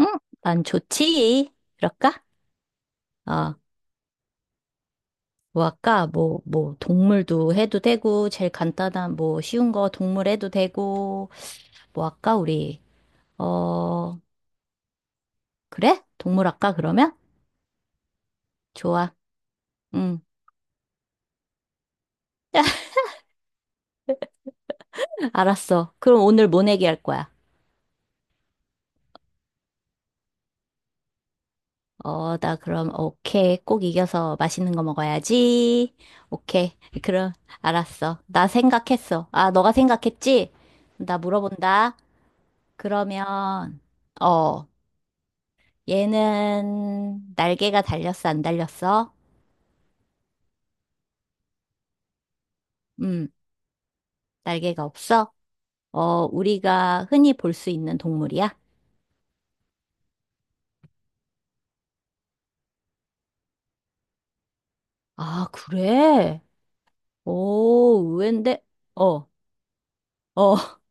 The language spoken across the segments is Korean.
응? 난 좋지. 그럴까? 아, 뭐 할까? 뭐, 뭐, 동물도 해도 되고, 제일 간단한, 뭐, 쉬운 거 동물 해도 되고, 뭐 할까, 우리? 어, 그래? 동물 할까, 그러면? 좋아. 응. 알았어. 그럼 오늘 뭐 내기 할 거야? 어, 나 그럼, 오케이. 꼭 이겨서 맛있는 거 먹어야지. 오케이. 그럼, 알았어. 나 생각했어. 아, 너가 생각했지? 나 물어본다. 그러면, 어, 얘는 날개가 달렸어, 안 달렸어? 음, 날개가 없어? 어, 우리가 흔히 볼 수 있는 동물이야? 아, 그래? 오, 의외인데? 어, 어,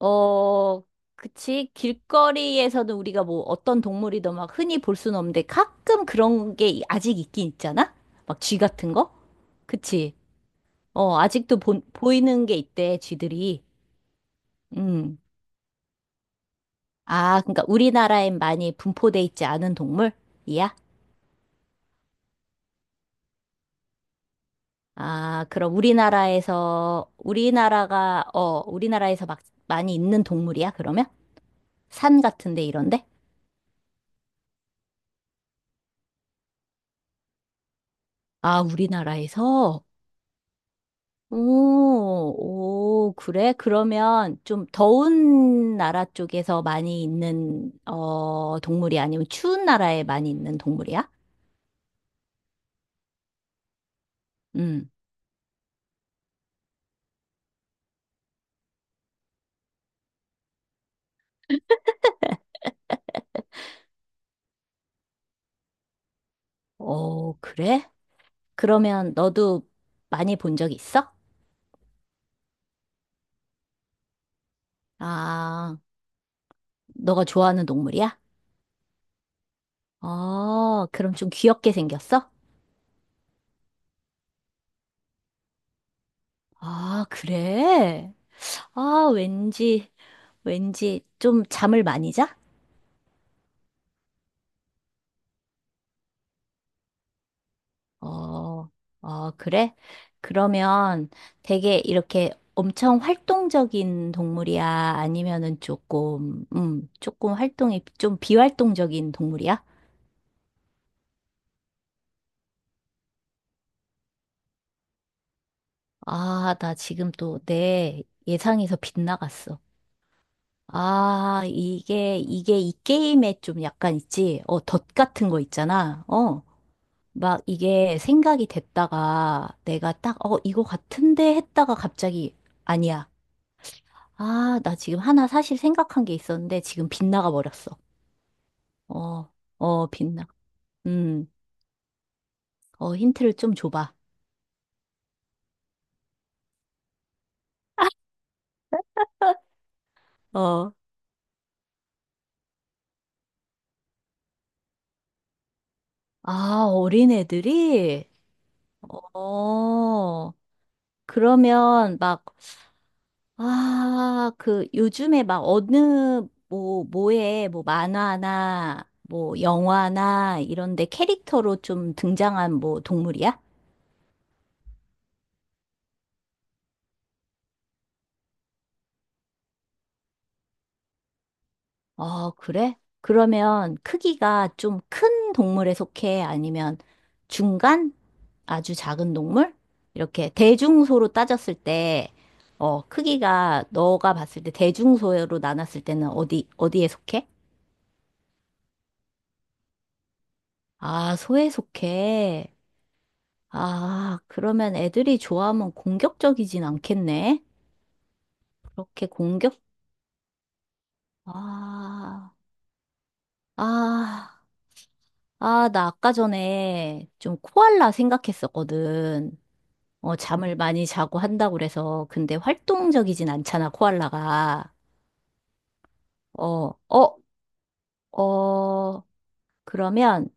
어, 그치? 길거리에서는 우리가 뭐 어떤 동물이든 막 흔히 볼 수는 없는데 가끔 그런 게 아직 있긴 있잖아? 막 쥐 같은 거? 그치? 어, 아직도 보이는 게 있대, 쥐들이. 음. 아, 그러니까 우리나라엔 많이 분포돼 있지 않은 동물? 이야? 아, 그럼 우리나라에서, 우리나라가, 어, 우리나라에서 막 많이 있는 동물이야, 그러면? 산 같은데 이런데? 아, 우리나라에서? 오, 오, 그래? 그러면 좀 더운 나라 쪽에서 많이 있는, 어, 동물이 아니면 추운 나라에 많이 있는 동물이야? 음, 어, 그래? 그러면 너도 많이 본 적 있어? 아, 너가 좋아하는 동물이야? 어, 그럼 좀 귀엽게 생겼어? 아, 그래? 아, 왠지, 왠지 좀 잠을 많이 자? 어, 어, 그래? 그러면 되게 이렇게 엄청 활동적인 동물이야? 아니면은 조금, 조금 활동이 좀 비활동적인 동물이야? 아, 나 지금 또 내 예상에서 빗나갔어. 아, 이게, 이게 이 게임에 좀 약간 있지? 어, 덫 같은 거 있잖아. 어. 막 이게 생각이 됐다가 내가 딱, 어, 이거 같은데 했다가 갑자기, 아니야. 아, 나 지금 하나 사실 생각한 게 있었는데 지금 빗나가 버렸어. 어, 어, 빗나. 음, 어, 힌트를 좀 줘봐. 어. 아, 어린애들이? 어, 그러면 막, 아, 그 요즘에 막 어느, 뭐, 뭐 만화나, 뭐 영화나 이런데 캐릭터로 좀 등장한 뭐 동물이야? 어, 그래? 그러면 크기가 좀 큰 동물에 속해? 아니면 중간? 아주 작은 동물? 이렇게 대중소로 따졌을 때, 어, 크기가 너가 봤을 때 대중소로 나눴을 때는 어디, 어디에 속해? 아, 소에 속해. 아, 그러면 애들이 좋아하면 공격적이진 않겠네? 그렇게 공격? 아, 아, 아, 나 아까 전에 좀 코알라 생각했었거든. 어, 잠을 많이 자고 한다고 그래서, 근데 활동적이진 않잖아, 코알라가. 어, 어, 어, 그러면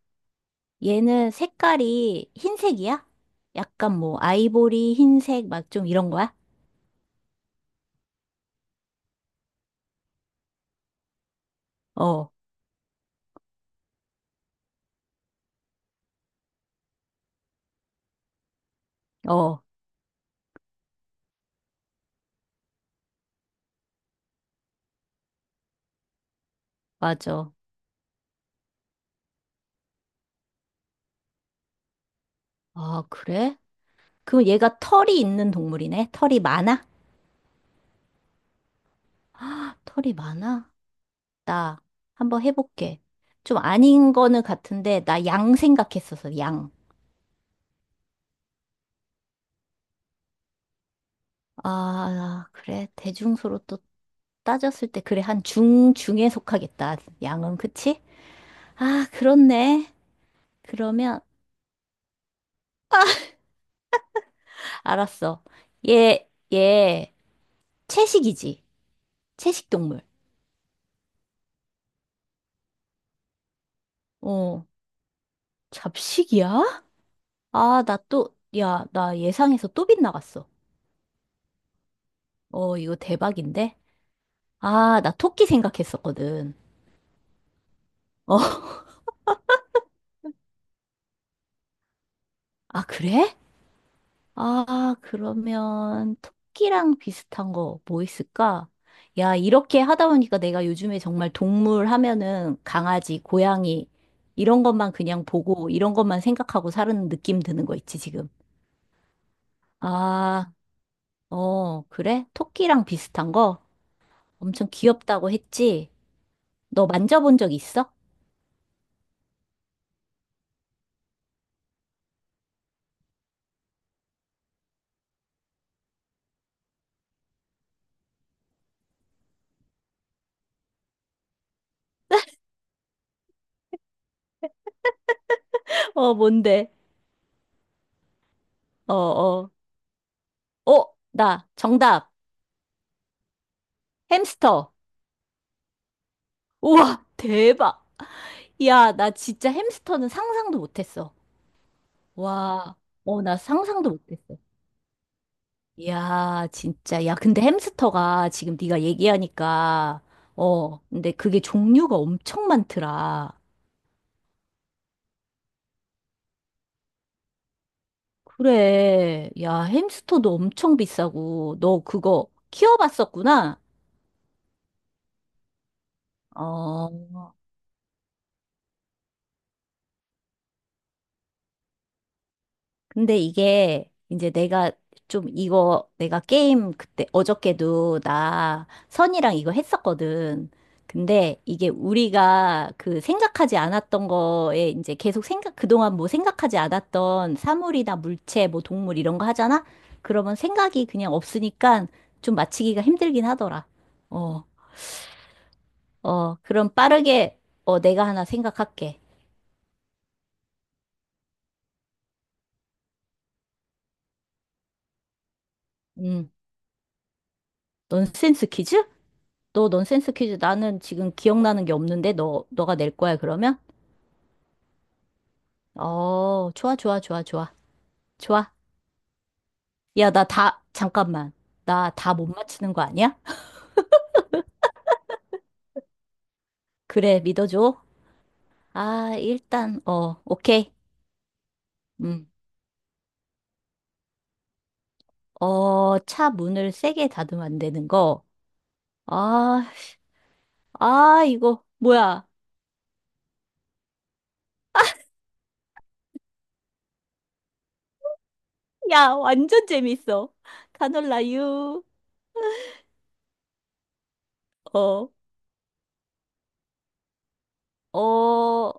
얘는 색깔이 흰색이야? 약간 뭐, 아이보리, 흰색, 막 좀 이런 거야? 어, 어, 맞아. 아, 그래? 그럼 얘가 털이 있는 동물이네? 털이 많아? 아, 털이 많아? 나 한번 해볼게. 좀 아닌 거는 같은데, 나 양 생각했었어, 양. 아, 그래. 대중소로 또 따졌을 때, 그래. 한 중, 중에 속하겠다. 양은, 그치? 아, 그렇네. 그러면, 알았어. 얘, 얘, 채식이지. 채식 동물. 어, 잡식이야? 아, 나 또, 야, 나 예상해서 또 빗나갔어. 어, 이거 대박인데? 아, 나 토끼 생각했었거든. 어, 아, 그래? 아, 그러면 토끼랑 비슷한 거 뭐 있을까? 야, 이렇게 하다 보니까 내가 요즘에 정말 동물 하면은 강아지, 고양이 이런 것만 그냥 보고 이런 것만 생각하고 사는 느낌 드는 거 있지, 지금. 아, 어, 그래? 토끼랑 비슷한 거? 엄청 귀엽다고 했지? 너 만져본 적 있어? 어, 뭔데? 어, 어. 어, 나 정답. 햄스터. 우와, 대박. 야, 나 진짜 햄스터는 상상도 못했어. 와, 어, 나 상상도 못했어. 이야, 진짜. 야, 근데 햄스터가 지금 네가 얘기하니까, 어, 근데 그게 종류가 엄청 많더라. 그래. 야, 햄스터도 엄청 비싸고, 너 그거 키워봤었구나? 어, 근데 이게 이제 내가 좀 이거 내가 게임 그때 어저께도 나 선이랑 이거 했었거든. 근데 이게 우리가 그 생각하지 않았던 거에 이제 계속 생각, 그동안 뭐 생각하지 않았던 사물이나 물체, 뭐 동물 이런 거 하잖아? 그러면 생각이 그냥 없으니까 좀 맞히기가 힘들긴 하더라. 어, 어, 그럼 빠르게, 어, 내가 하나 생각할게. 음, 넌센스 퀴즈? 너 넌센스 퀴즈 나는 지금 기억나는 게 없는데 너 너가 낼 거야 그러면? 어, 좋아 좋아 좋아 좋아. 좋아. 야, 나 다 잠깐만. 나 다 못 맞히는 거 아니야? 그래, 믿어줘. 아, 일단 어, 오케이. 음. 어, 차 문을 세게 닫으면 안 되는 거. 아, 아, 이거 뭐야? 야, 완전 재밌어. 카놀라유. 어. 어,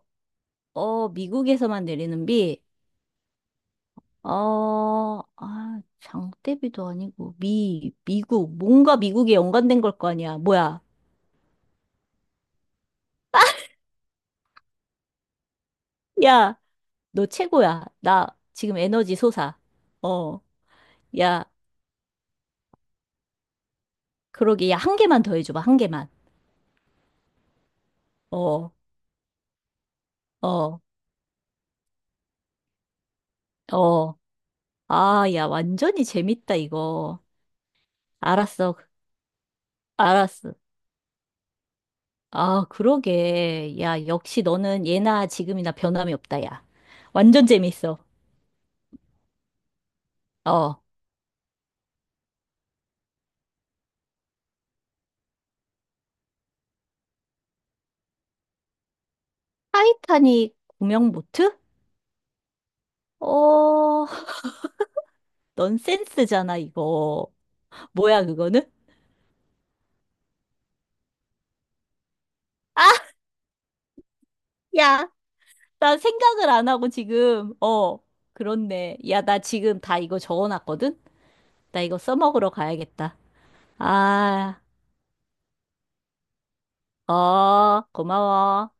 어, 미국에서만 내리는 비. 어, 아, 장대비도 아니고, 미국, 뭔가 미국에 연관된 걸 거 아니야. 뭐야. 야, 너 최고야. 나 지금 에너지 솟아. 어, 야, 그러게. 야, 한 개만 더 해줘봐. 한 개만. 어, 어, 어. 아, 야, 완전히 재밌다, 이거. 알았어. 알았어. 아, 그러게. 야, 역시 너는 예나 지금이나 변함이 없다, 야. 완전 재밌어. 어. 타이타닉 구명 보트? 어, 넌센스잖아, 이거. 뭐야, 그거는? 아, 야, 나 생각을 안 하고 지금, 어, 그렇네. 야, 나 지금 다 이거 적어놨거든? 나 이거 써먹으러 가야겠다. 아, 어, 고마워.